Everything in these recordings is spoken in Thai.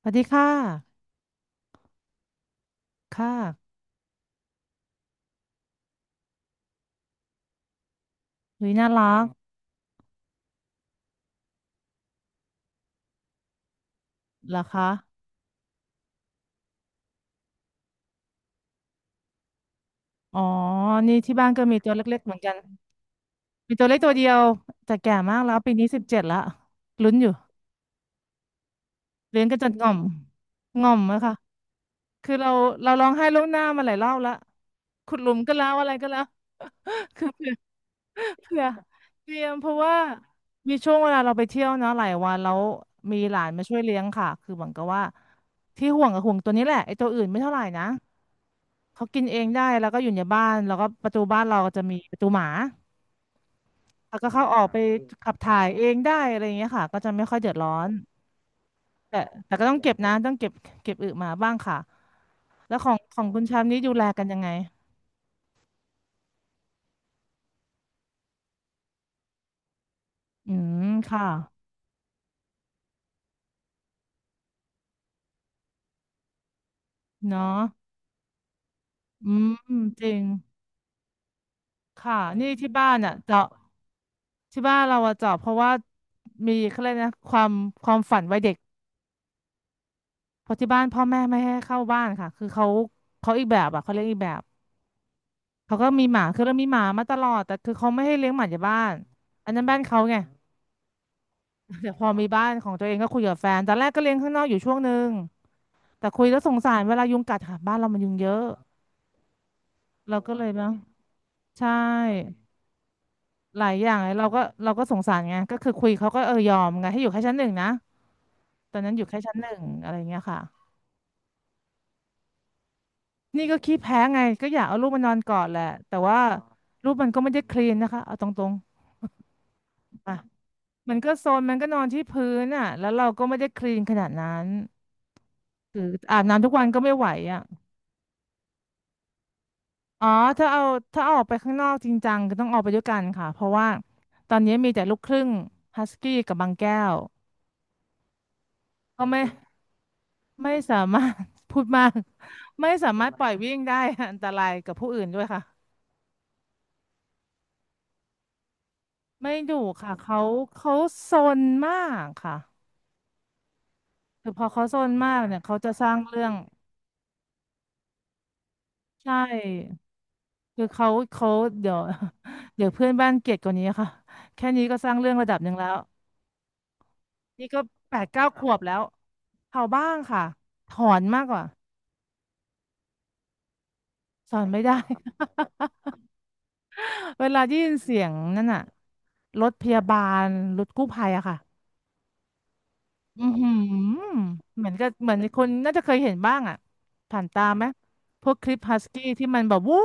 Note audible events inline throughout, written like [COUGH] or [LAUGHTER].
สวัสดีค่ะ ค่ะหุยน่ารักเหรอคะ อ๋อ นี่ที่บ้านก็มีตัวเล็กๆเหมือนกัน มีตัวเล็กตัวเดียวแต่แก่มากแล้ว ปีนี้17ละลุ้นอยู่เลี้ยงกันจนง่อม ง่อมอะค่ะคือเราร้องไห้ล่วงหน้ามาหลายรอบละขุดหลุมก็แล้วอะไรก็แล้ว [LAUGHS] คือ เผื่อเตรียมเพราะว่ามีช่วงเวลาเราไปเที่ยวนะหลายวันแล้วมีหลานมาช่วยเลี้ยงค่ะคือเหมือนกับว่าที่ห่วงกับห่วงตัวนี้แหละไอ้ตัวอื่นไม่เท่าไหร่นะเขากินเองได้แล้วก็อยู่ในบ้านแล้วก็ประตูบ้านเราก็จะมีประตูหมาแล้วก็เข้าออกไปขับถ่ายเองได้อะไรอย่างเงี้ยค่ะก็จะไม่ค่อยเดือดร้อนแต่แต่ก็ต้องเก็บนะต้องเก็บเก็บอึมาบ้างค่ะแล้วของคุณชามนี้ดูแลกันยังไงอืมค่ะเนาะอืมจริงค่ะนี่ที่บ้านอ่ะเจาะ ที่บ้านเราอะเจาะเพราะว่ามีเขาเรียกนะความฝันวัยเด็กเพราะที่บ้านพ่อแม่ไม่ให้เข้าบ้านค่ะคือเขาอีกแบบอะเขาเลี้ยงอีกแบบเขาก็มีหมาคือเรามีหมามาตลอดแต่คือเขาไม่ให้เลี้ยงหมาจากบ้านอันนั้นบ้านเขาไง [LAUGHS] แต่พอมีบ้านของตัวเองก็คุยกับแฟนตอนแรกก็เลี้ยงข้างนอกอยู่ช่วง 1แต่คุยแล้วสงสารเวลายุงกัดค่ะบ้านเรามันยุงเยอะเราก็เลยนะใช่หลายอย่างเลยเราก็สงสารไงก็คือคุยเขาก็เออยอมไงให้อยู่แค่ชั้นหนึ่งนะตอนนั้นอยู่แค่ชั้นหนึ่งอะไรเงี้ยค่ะ นี่ก็ขี้แพ้ไงก็อยากเอาลูกมานอนกอดแหละแต่ว่าอ๋อลูกมันก็ไม่ได้คลีนนะคะเอาตรงๆอ่ะมันก็โซนมันก็นอนที่พื้นอ่ะแล้วเราก็ไม่ได้คลีนขนาดนั้นคืออาบน้ำทุกวันก็ไม่ไหวอ่ะอ๋อถ้าเอาถ้าเอาออกไปข้างนอกจริงจังก็ต้องออกไปด้วยกันค่ะเพราะว่าตอนนี้มีแต่ลูกครึ่งฮัสกี้กับบางแก้วก็ไม่สามารถ [LAUGHS] พูดมากไม่สามารถปล่อยวิ่งได้อันตรายกับผู้อื่นด้วยค่ะไม่ดุค่ะเขาโซนมากค่ะ คือพอเขาซนมากเนี่ยเขาจะสร้างเรื่องใช่คือเขาเดี๋ยว [LAUGHS] เดี๋ยวเพื่อนบ้านเกลียดกว่านี้ค่ะแค่นี้ก็สร้างเรื่องระดับ 1แล้วนี่ก็8-9ขวบแล้วเผาบ้างค่ะถอนมากกว่าสอนไม่ได้ [LAUGHS] เวลาได้ยินเสียงนั่นน่ะรถพยาบาลรถกู้ภัยอะค่ะอือหือเหมือนกับเหมือนคนน่าจะเคยเห็นบ้างอะผ่านตาไหมพวกคลิปฮัสกี้ที่มันแบบวู้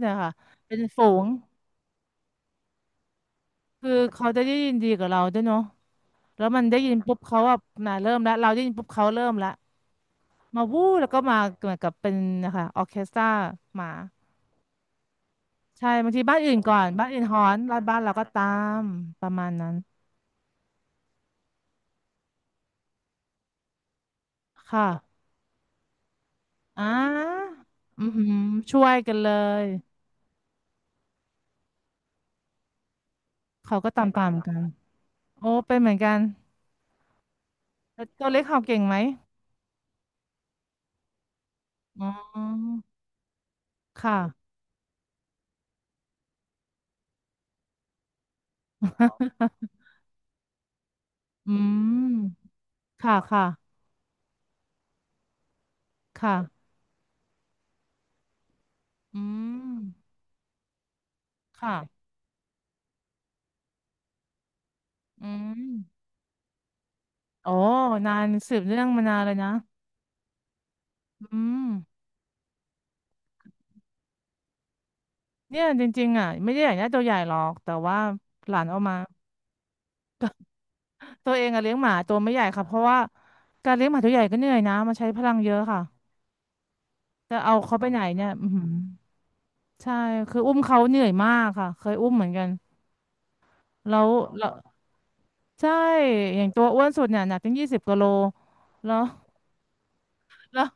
เนี่ยค่ะเป็นฝูง คือเขาจะได้ยินดีกับเราด้วยเนาะแล้วมันได้ยินปุ๊บเขาแบบน่ะเริ่มแล้วเราได้ยินปุ๊บเขาเริ่มละมาวู้แล้วก็มาเหมือนกับเป็นนะคะออร์เคสตรามาใช่บางทีบ้านอื่นก่อนบ้านอื่นหอนแล้วบ้านเราก็ตามประมาณนั้น ค่ะอ่าอือหือช่วยกันเลย เขาก็ตามกันโอ้เป็นเหมือนกันแล้วตัวเล็กเขาเก่งไหมอ๋อค่ะ [LAUGHS] อืมค่ะค่ะค่ะอืม ค่ะอืมอ๋อนานสืบเรื่องมานานเลยนะอืมเนี่ยจริงๆอ่ะไม่ได้อยากได้ตัวใหญ่หรอก แต่ว่าหลานเอามาตัวเองอะเลี้ยงหมาตัวไม่ใหญ่ค่ะเพราะว่าการเลี้ยงหมาตัวใหญ่ก็เหนื่อยนะมันใช้พลังเยอะค่ะจะเอาเขาไปไหนเนี่ยอืมใช่คืออุ้มเขาเหนื่อยมากค่ะเคยอุ้มเหมือนกันแล้วแล้วใช่อย่างตัวอ้วนสุดเนี่ยหนักถึง20 กิโลแล้วแล้ว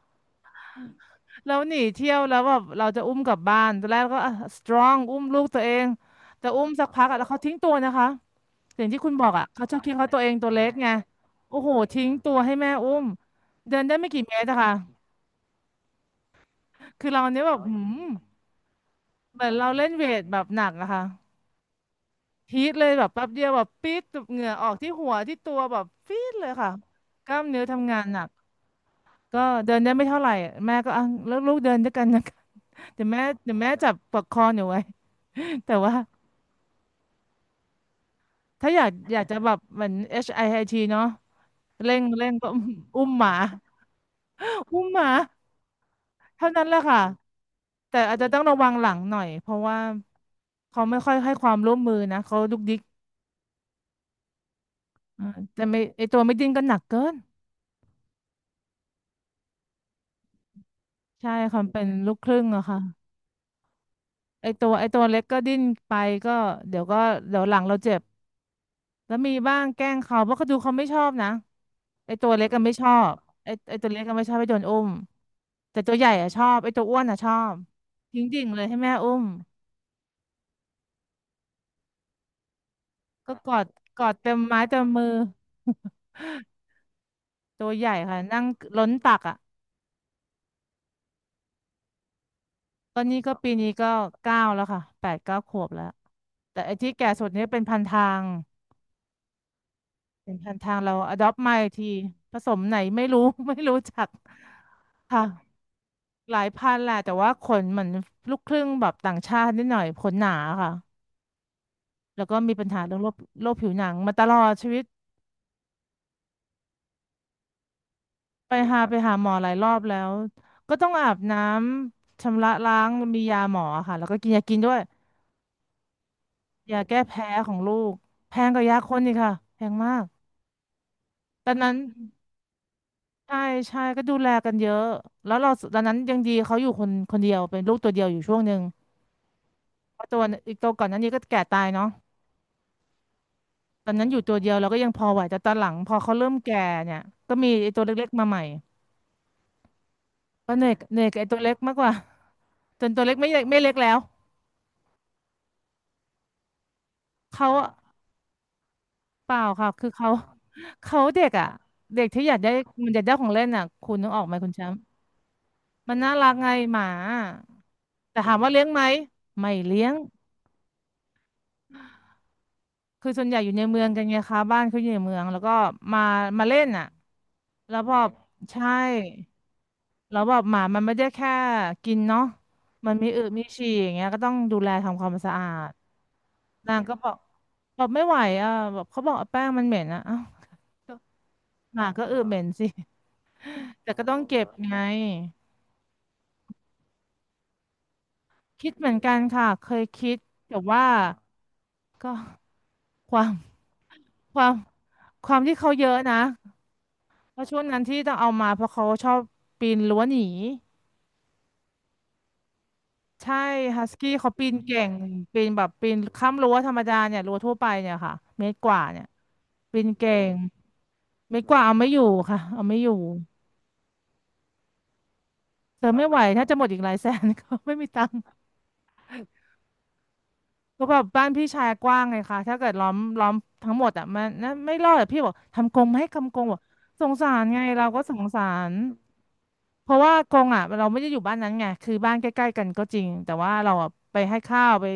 แล้วหนีเที่ยวแล้วแบบเราจะอุ้มกลับบ้านตอนแรกก็ strong อุ้มลูกตัวเองแต่อุ้มสักพักอะแล้วเขาทิ้งตัวนะคะอย่างที่คุณบอกอะเขาชอบคิดเขาตัวเองตัวเล็กไงโอ้โหทิ้งตัวให้แม่อุ้มเดินได้ไม่กี่เมตรอะค่ะคือเราเนี้ยแบบหืมเหมือนเราเล่นเวทแบบหนักอะค่ะฮีทเลยแบบแป๊บเดียวแบบปี๊ดแบบเหงื่อออกที่หัวที่ตัวแบบฟีดเลยค่ะกล้ามเนื้อทำงานหนักก็เดินได้ไม่เท่าไหร่แม่ก็อ่ะแล้วลูกเดินด้วยกันนะคะเดี๋ยวแม่เดี๋ยวแม่จับปลอกคอหนูไว้แต่ว่า ถ้าอยากจะแบบเหมือน HIIT เนาะเร่งก็ [LAUGHS] อุ้มอุ้มหมา [LAUGHS] อุ้มหมาเท่านั้นแหละค่ะแต่อาจจะต้องระวังหลังหน่อยเพราะว่าเขาไม่ค่อยให้ความร่วมมือนะเขาดุกดิกอ่าแต่ไม่ไอตัวไม่ดิ้นก็หนักเกินใช่ค่ะมันเป็นลูกครึ่งอะค่ะไอตัวเล็กก็ดิ้นไปก็เดี๋ยวก็เดี๋ยวหลังเราเจ็บ แล้วมีบ้างแกล้งเขาเพราะเขาดูเขาไม่ชอบนะไอตัวเล็กก็ไม่ชอบไอตัวเล็กก็ไม่ชอบให้โดนอุ้มแต่ตัวใหญ่อะชอบไอตัวอ้วนอะชอบทิ้งดิ่งเลยให้แม่อุ้มก็กอดกอดเต็มไม้เต็มมือ [LAUGHS] ตัวใหญ่ค่ะนั่งล้นตักอ่ะตอนนี้ก็ปีนี้ก็เก้าแล้วค่ะแปดเก้าขวบแล้วแต่ไอ้ที่แก่สุดเนี่ยเป็นพันทางเป็นพันทางเราอดอปมาอีกทีผสมไหนไม่รู้ [LAUGHS] ไม่รู้จักค่ะ หลายพันแหละแต่ว่าขนเหมือนลูกครึ่งแบบต่างชาตินิดหน่อยขนหนาค่ะแล้วก็มีปัญหาเรื่องโรคโรคผิวหนังมาตลอดชีวิตไปหาหมอหลายรอบแล้วก็ต้องอาบน้ำชำระล้างมียาหมอค่ะแล้วก็กินยากินด้วยยาแก้แพ้ของลูกแพงกว่ายาคนอีกค่ะแพงมากตอนนั้นใช่ใช่ก็ดูแลกันเยอะแล้วเราตอนนั้นยังดีเขาอยู่คนคนเดียวเป็นลูกตัวเดียวอยู่ช่วงหนึ่งเพราะตัวอีกตัวก่อนหนั้นนี้ก็แก่ตายเนาะ ตอนนั้นอยู่ตัวเดียวเราก็ยังพอไหวแต่ตอนหลังพอเขาเริ่มแก่เนี่ยก็มีไอ้ตัวเล็กๆมาใหม่ก็เหนื่อยกับไอ้ตัวเล็กมากกว่าจนตัวเล็กไม่เล็กแล้วเขาเปล่าค่ะคือเขาเขาเด็กอ่ะเด็กที่อยากได้มันอยากได้ของเล่นอ่ะคุณนึกออกไหมคุณแชมป์มันน่ารักไงหมาแต่ถามว่าเลี้ยงไหมไม่เลี้ยงคือส่วนใหญ่อยู่ในเมืองกันไงคะบ้านเขาอยู่ในเมืองแล้วก็มามาเล่นอ่ะแล้วพอใช่ แล้วแบบหมามันไม่ได้แค่กินเนาะมันมีอึมีฉี่อย่างเงี้ยก็ต้องดูแลทำความสะอาดนางก็บอกบอกไม่ไหวอ่ะแบบเขาบอกเอาแป้งมันเหม็นอ่ะเอ้าก็หมาก็อึเหม็นสิ [LAUGHS] แต่ก็ต้องเก็บไงคิดเหมือนกันค่ะเคยคิดแต่ว่าก็ความความความที่เขาเยอะนะเพราะช่วงนั้นที่ต้องเอามาเพราะเขาชอบปีนรั้วหนี ใช่ฮัสกี้เขาปีนเก่งปีนแบบปีนข้ามรั้วธรรมดาเนี่ยรั้วทั่วไปเนี่ยค่ะเมตรกว่าเนี่ยปีนเก่งเมตรกว่าเอาไม่อยู่ค่ะเอาไม่อยู่เธอไม่ไหวถ้าจะหมดอีกหลายแสน [LAUGHS] ก็ไม่มีตังค์ ก็แบบบ้านพี่ชายกว้างไงคะถ้าเกิดล้อมทั้งหมดอ่ะมันนะไม่รอดอ่ะพี่บอกทำกรงไหมทำกรงบอกสงสารไงเราก็สงสารเพราะว่ากรงอ่ะเราไม่ได้อยู่บ้านนั้นไงคือบ้านใกล้ๆกันก็จริงแต่ว่าเราอะไปให้ข้าวไป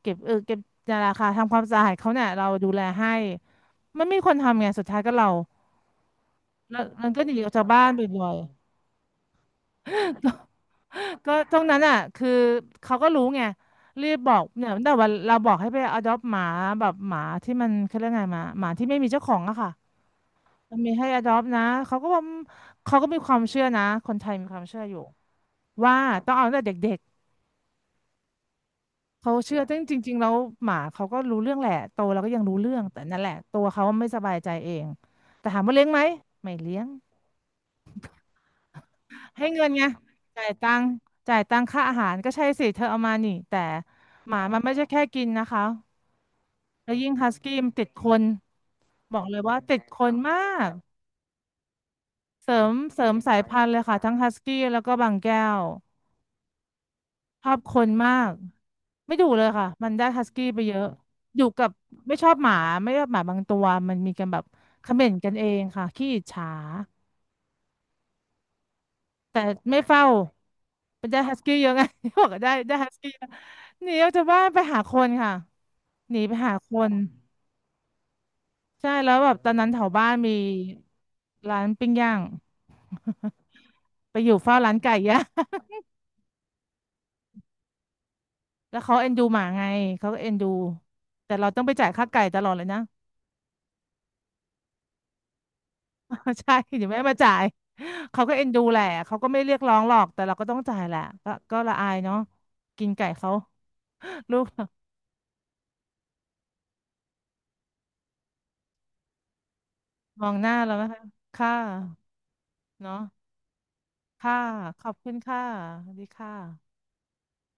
เก็บเออเก็บนาละค่ะทำความสะอาดเขาเนี่ยเราดูแลให้มันไม่มีคนทำไงสุดท้ายก็เราแล้วมันก็หนีออกจากบ้านไปเลย [LAUGHS] ก็ตรงนั้นอ่ะคือเขาก็รู้ไงรีบบอกเนี่ยแต่ว่าเราบอกให้ไป adopt หมาแบบหมาที่มันเขาเรียกไงหมาที่ไม่มีเจ้าของอะค่ะมันมีให้ adopt นะเขาก็บอกเขาก็มีความเชื่อนะคนไทยมีความเชื่ออยู่ว่าต้องเอาตั้งแต่เด็กๆเขาเชื่อซึ่งจริงๆแล้วหมาเขาก็รู้เรื่องแหละโตเราก็ยังรู้เรื่องแต่นั่นแหละตัวเขาไม่สบายใจเองแต่ถามว่าเลี้ยงไหมไม่เลี้ยงให้เงินไงจ่ายตังค์จ่ายตังค่าอาหารก็ใช่สิเธอเอามานี่แต่หมามันไม่ใช่แค่กินนะคะ แล้วยิ่งฮัสกี้มันติดคนบอกเลยว่าติดคนมากเสริมสายพันธุ์เลยค่ะทั้งฮัสกี้แล้วก็บางแก้วชอบคนมากไม่ดุเลยค่ะมันได้ฮัสกี้ไปเยอะอยู่กับไม่ชอบหมาไม่ชอบหมาบางตัวมันมีกันแบบเขม่นกันเองค่ะขี้อิจฉาแต่ไม่เฝ้ามันได้ฮัสกี้เยอะไง [LAUGHS] บอกว่าได้ฮัสกี้หนีออกจากบ้านไปหาคนค่ะหนีไปหาคน ใช่แล้วแบบตอนนั้นแถวบ้านมีร้านปิ้งย่าง [LAUGHS] ไปอยู่เฝ้าร้านไก่ย่าง [LAUGHS] แล้วเขาเอ็นดูหมาไงเขาก็เอ็นดูแต่เราต้องไปจ่ายค่าไก่ตลอดเลยนะ [LAUGHS] ใช่เดี๋ยวแม่มาจ่าย [LAUGHS] เขาก็เอ็นดูแหละเขาก็ไม่เรียกร้องหรอกแต่เราก็ต้องจ่ายแหละก็ละอายเนาะกินไก่เขา [LAUGHS] ลูกมองหน้าเราไหมคะค่ะเนาะค่ะขอบคุณค่ะสวัสดีค่ะ